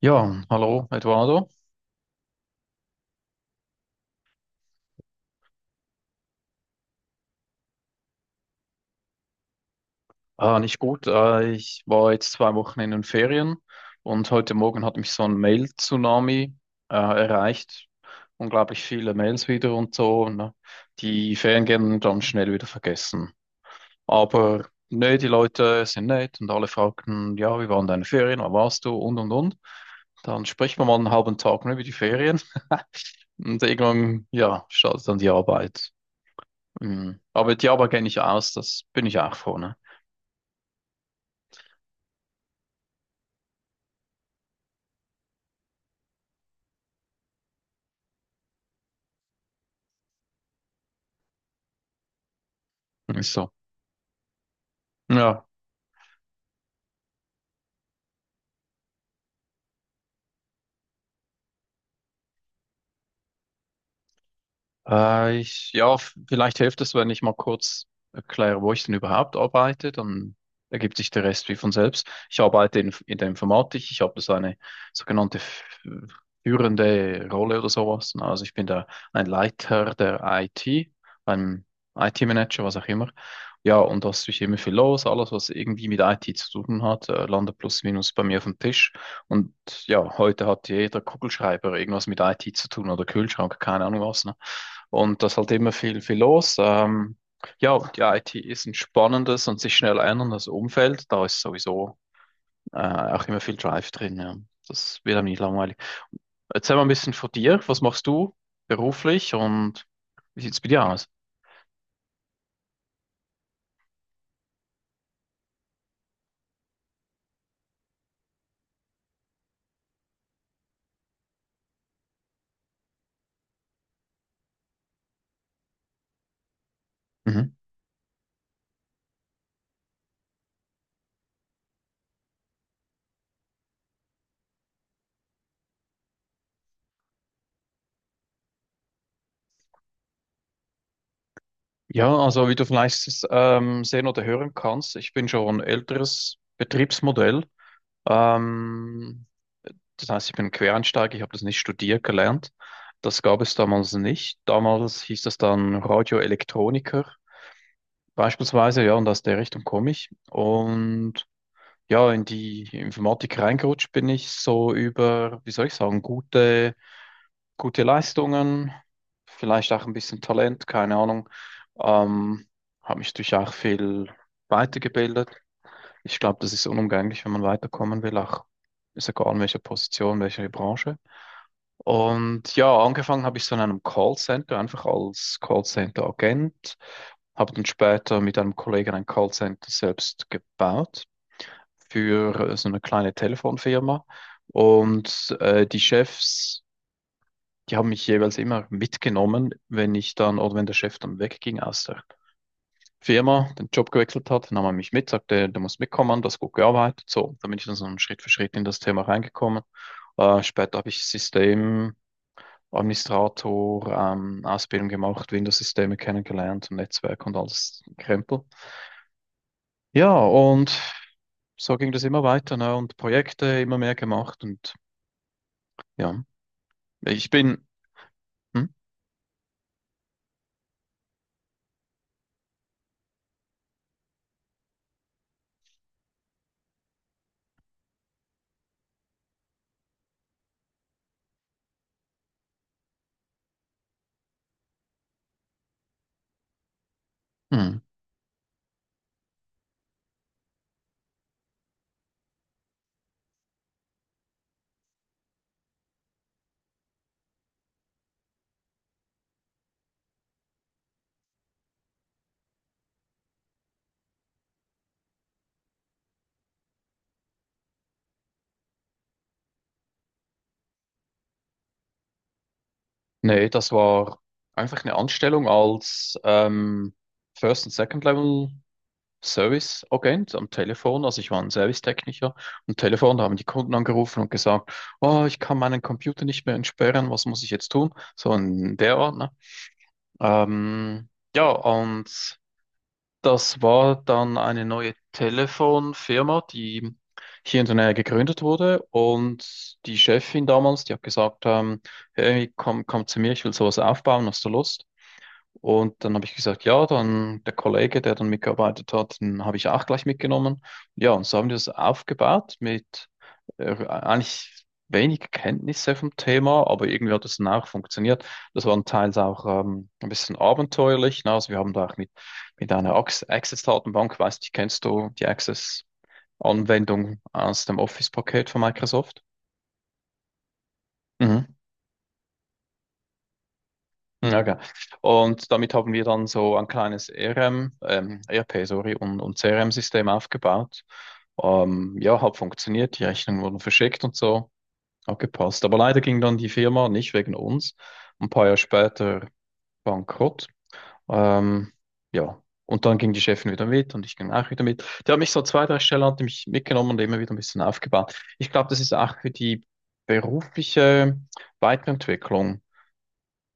Ja, hallo Eduardo. Ah, nicht gut. Ich war jetzt zwei Wochen in den Ferien und heute Morgen hat mich so ein Mail-Tsunami erreicht. Unglaublich viele Mails wieder und so. Ne? Die Ferien gehen dann schnell wieder vergessen. Aber ne, die Leute sind nett und alle fragten, ja, wie waren deine Ferien, wo warst du und und. Dann spricht man mal einen halben Tag nur über die Ferien und irgendwann, ja, startet dann die Arbeit. Mhm. Aber die Arbeit kenne ich aus, das bin ich auch froh, ne? Ist so. Ja, ja, vielleicht hilft es, wenn ich mal kurz erkläre, wo ich denn überhaupt arbeite, dann ergibt sich der Rest wie von selbst. Ich arbeite in der Informatik, ich habe so eine sogenannte führende Rolle oder sowas. Na, also ich bin da ein Leiter der IT, ein IT-Manager, was auch immer. Ja, und da ist natürlich immer viel los, alles, was irgendwie mit IT zu tun hat, landet plus minus bei mir auf dem Tisch. Und ja, heute hat jeder Kugelschreiber irgendwas mit IT zu tun oder Kühlschrank, keine Ahnung was, ne? Und da ist halt immer viel, viel los. Ja, die IT ist ein spannendes und sich schnell änderndes Umfeld. Da ist sowieso auch immer viel Drive drin. Ja. Das wird einem nicht langweilig. Erzähl mal ein bisschen von dir. Was machst du beruflich und wie sieht's bei dir aus? Mhm. Ja, also wie du vielleicht sehen oder hören kannst, ich bin schon ein älteres Betriebsmodell. Ähm, Das heißt, ich bin Quereinsteiger, ich habe das nicht studiert gelernt. Das gab es damals nicht. Damals hieß das dann Radioelektroniker beispielsweise, ja, und aus der Richtung komme ich. Und ja, in die Informatik reingerutscht bin ich so über, wie soll ich sagen, gute Leistungen, vielleicht auch ein bisschen Talent, keine Ahnung. Ähm, Habe mich durch auch viel weitergebildet. Ich glaube, das ist unumgänglich, wenn man weiterkommen will, auch ist egal in welcher Position, welche Branche. Und ja, angefangen habe ich so in einem Callcenter, einfach als Callcenter-Agent, habe dann später mit einem Kollegen ein Callcenter selbst gebaut für so eine kleine Telefonfirma. Und die Chefs, die haben mich jeweils immer mitgenommen, wenn ich dann oder wenn der Chef dann wegging aus der Firma, den Job gewechselt hat, nahm er mich mit, sagte, du musst mitkommen, das hast gut gearbeitet. So, da bin ich dann so Schritt für Schritt in das Thema reingekommen. Später habe ich System Administrator, Ausbildung gemacht, Windows-Systeme kennengelernt und Netzwerk und alles Krempel. Ja, und so ging das immer weiter, ne? Und Projekte immer mehr gemacht und ja, ich bin, hm? Hm. Nee, das war einfach eine Anstellung als First- und Second-Level. Service-Agent am Telefon, also ich war ein Servicetechniker am Telefon, da haben die Kunden angerufen und gesagt, oh, ich kann meinen Computer nicht mehr entsperren, was muss ich jetzt tun? So in der Art, ne? Ähm, ja, und das war dann eine neue Telefonfirma, die hier in der Nähe gegründet wurde. Und die Chefin damals, die hat gesagt, hey, komm zu mir, ich will sowas aufbauen, hast du Lust? Und dann habe ich gesagt, ja, dann der Kollege, der dann mitgearbeitet hat, den habe ich auch gleich mitgenommen. Ja, und so haben wir das aufgebaut mit eigentlich wenig Kenntnisse vom Thema, aber irgendwie hat es dann auch funktioniert. Das war teils auch ein bisschen abenteuerlich. Ne? Also wir haben da auch mit einer Access-Datenbank, weiß nicht, kennst du die Access-Anwendung aus dem Office-Paket von Microsoft? Mhm. Ja, okay. Und damit haben wir dann so ein kleines ERM, ERP, sorry, und CRM-System aufgebaut. Ja, hat funktioniert, die Rechnungen wurden verschickt und so, hat gepasst. Aber leider ging dann die Firma nicht wegen uns, ein paar Jahre später bankrott. Ähm, ja, und dann ging die Chefin wieder mit und ich ging auch wieder mit. Die hat mich so zwei, drei Stellen hat die mich mitgenommen und immer wieder ein bisschen aufgebaut. Ich glaube, das ist auch für die berufliche Weiterentwicklung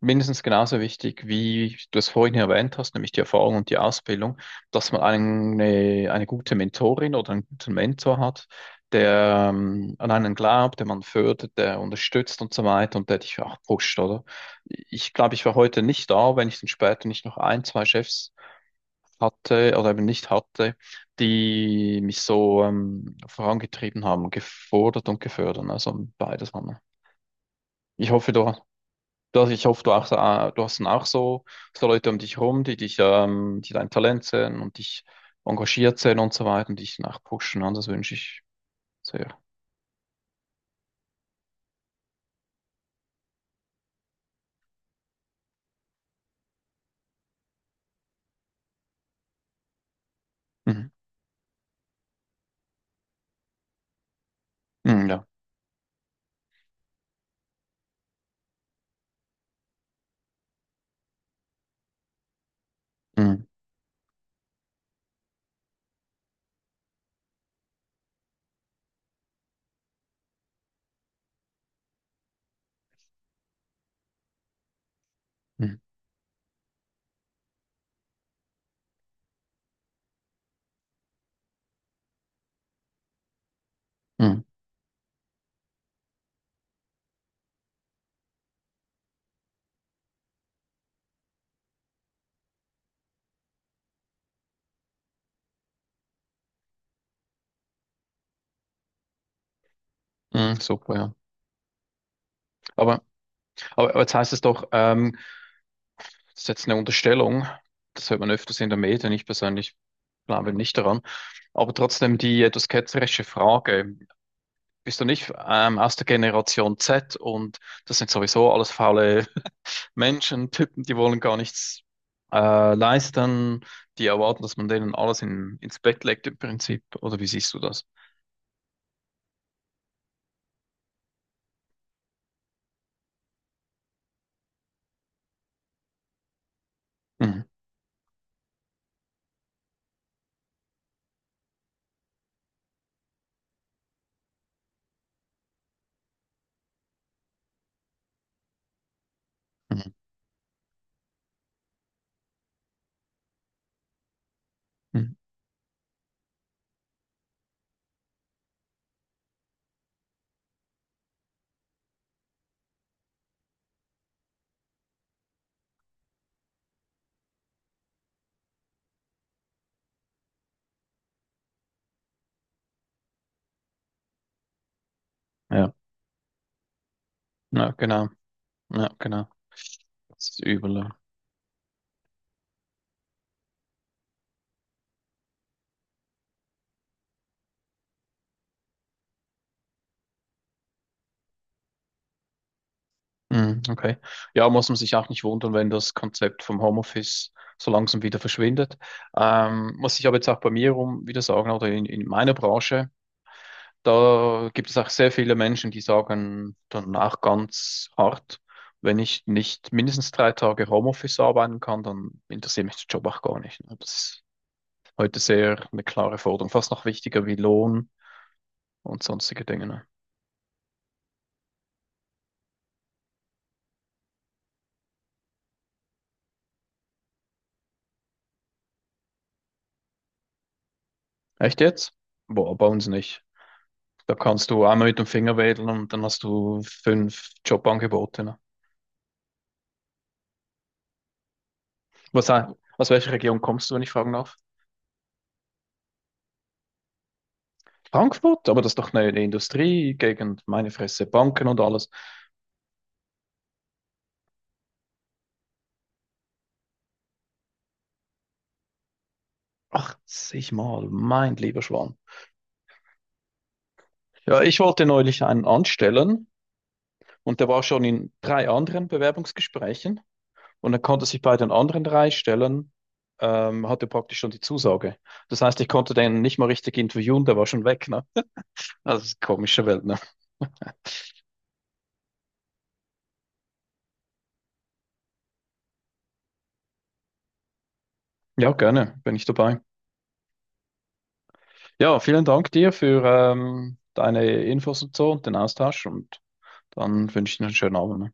mindestens genauso wichtig, wie du es vorhin erwähnt hast, nämlich die Erfahrung und die Ausbildung, dass man eine gute Mentorin oder einen guten Mentor hat, der an einen glaubt, der man fördert, der unterstützt und so weiter und der dich auch pusht, oder? Ich glaube, ich war heute nicht da, wenn ich dann später nicht noch ein, zwei Chefs hatte oder eben nicht hatte, die mich so vorangetrieben haben, gefordert und gefördert. Also beides haben wir. Ich hoffe, du Du hast, ich hoffe, auch, du hast dann auch so, so Leute um dich herum, die die dein Talent sehen und dich engagiert sehen und so weiter und dich dann auch pushen. Und das wünsche ich sehr. Mhm. Mhm, ja. Mhm. Mhm. Mhm. Mhm. Super, ja. Aber, aber jetzt heißt es doch, das ist jetzt eine Unterstellung. Das hört man öfters in der Medien. Ich persönlich glaube nicht daran. Aber trotzdem die etwas ketzerische Frage. Bist du nicht aus der Generation Z und das sind sowieso alles faule Menschen tippen, die wollen gar nichts leisten, die erwarten, dass man denen alles ins Bett legt im Prinzip. Oder wie siehst du das? Mhm. Mhm. Mhm. Ja, ja, genau. Ja, genau. Das ist übel. Ja. Mhm. Okay. Ja, muss man sich auch nicht wundern, wenn das Konzept vom Homeoffice so langsam wieder verschwindet. Muss ich aber jetzt auch bei mir rum wieder sagen, oder in meiner Branche, da gibt es auch sehr viele Menschen, die sagen danach ganz hart, wenn ich nicht mindestens drei Tage Homeoffice arbeiten kann, dann interessiert mich der Job auch gar nicht. Ne? Das ist heute sehr eine klare Forderung, fast noch wichtiger wie Lohn und sonstige Dinge. Ne? Echt jetzt? Boah, bei uns nicht. Da kannst du einmal mit dem Finger wedeln und dann hast du fünf Jobangebote. Ne? Was, aus welcher Region kommst du, wenn ich fragen darf? Frankfurt? Aber das ist doch eine Industriegegend, meine Fresse, Banken und alles. 80 Mal, mein lieber Schwan. Ja, ich wollte neulich einen anstellen und der war schon in drei anderen Bewerbungsgesprächen und er konnte sich bei den anderen drei Stellen, hatte praktisch schon die Zusage. Das heißt, ich konnte den nicht mal richtig interviewen, der war schon weg, ne? Also, das ist eine komische Welt, ne? Ja, gerne, bin ich dabei. Ja, vielen Dank dir für deine Infos und so und den Austausch und dann wünsche ich dir einen schönen Abend. Ne?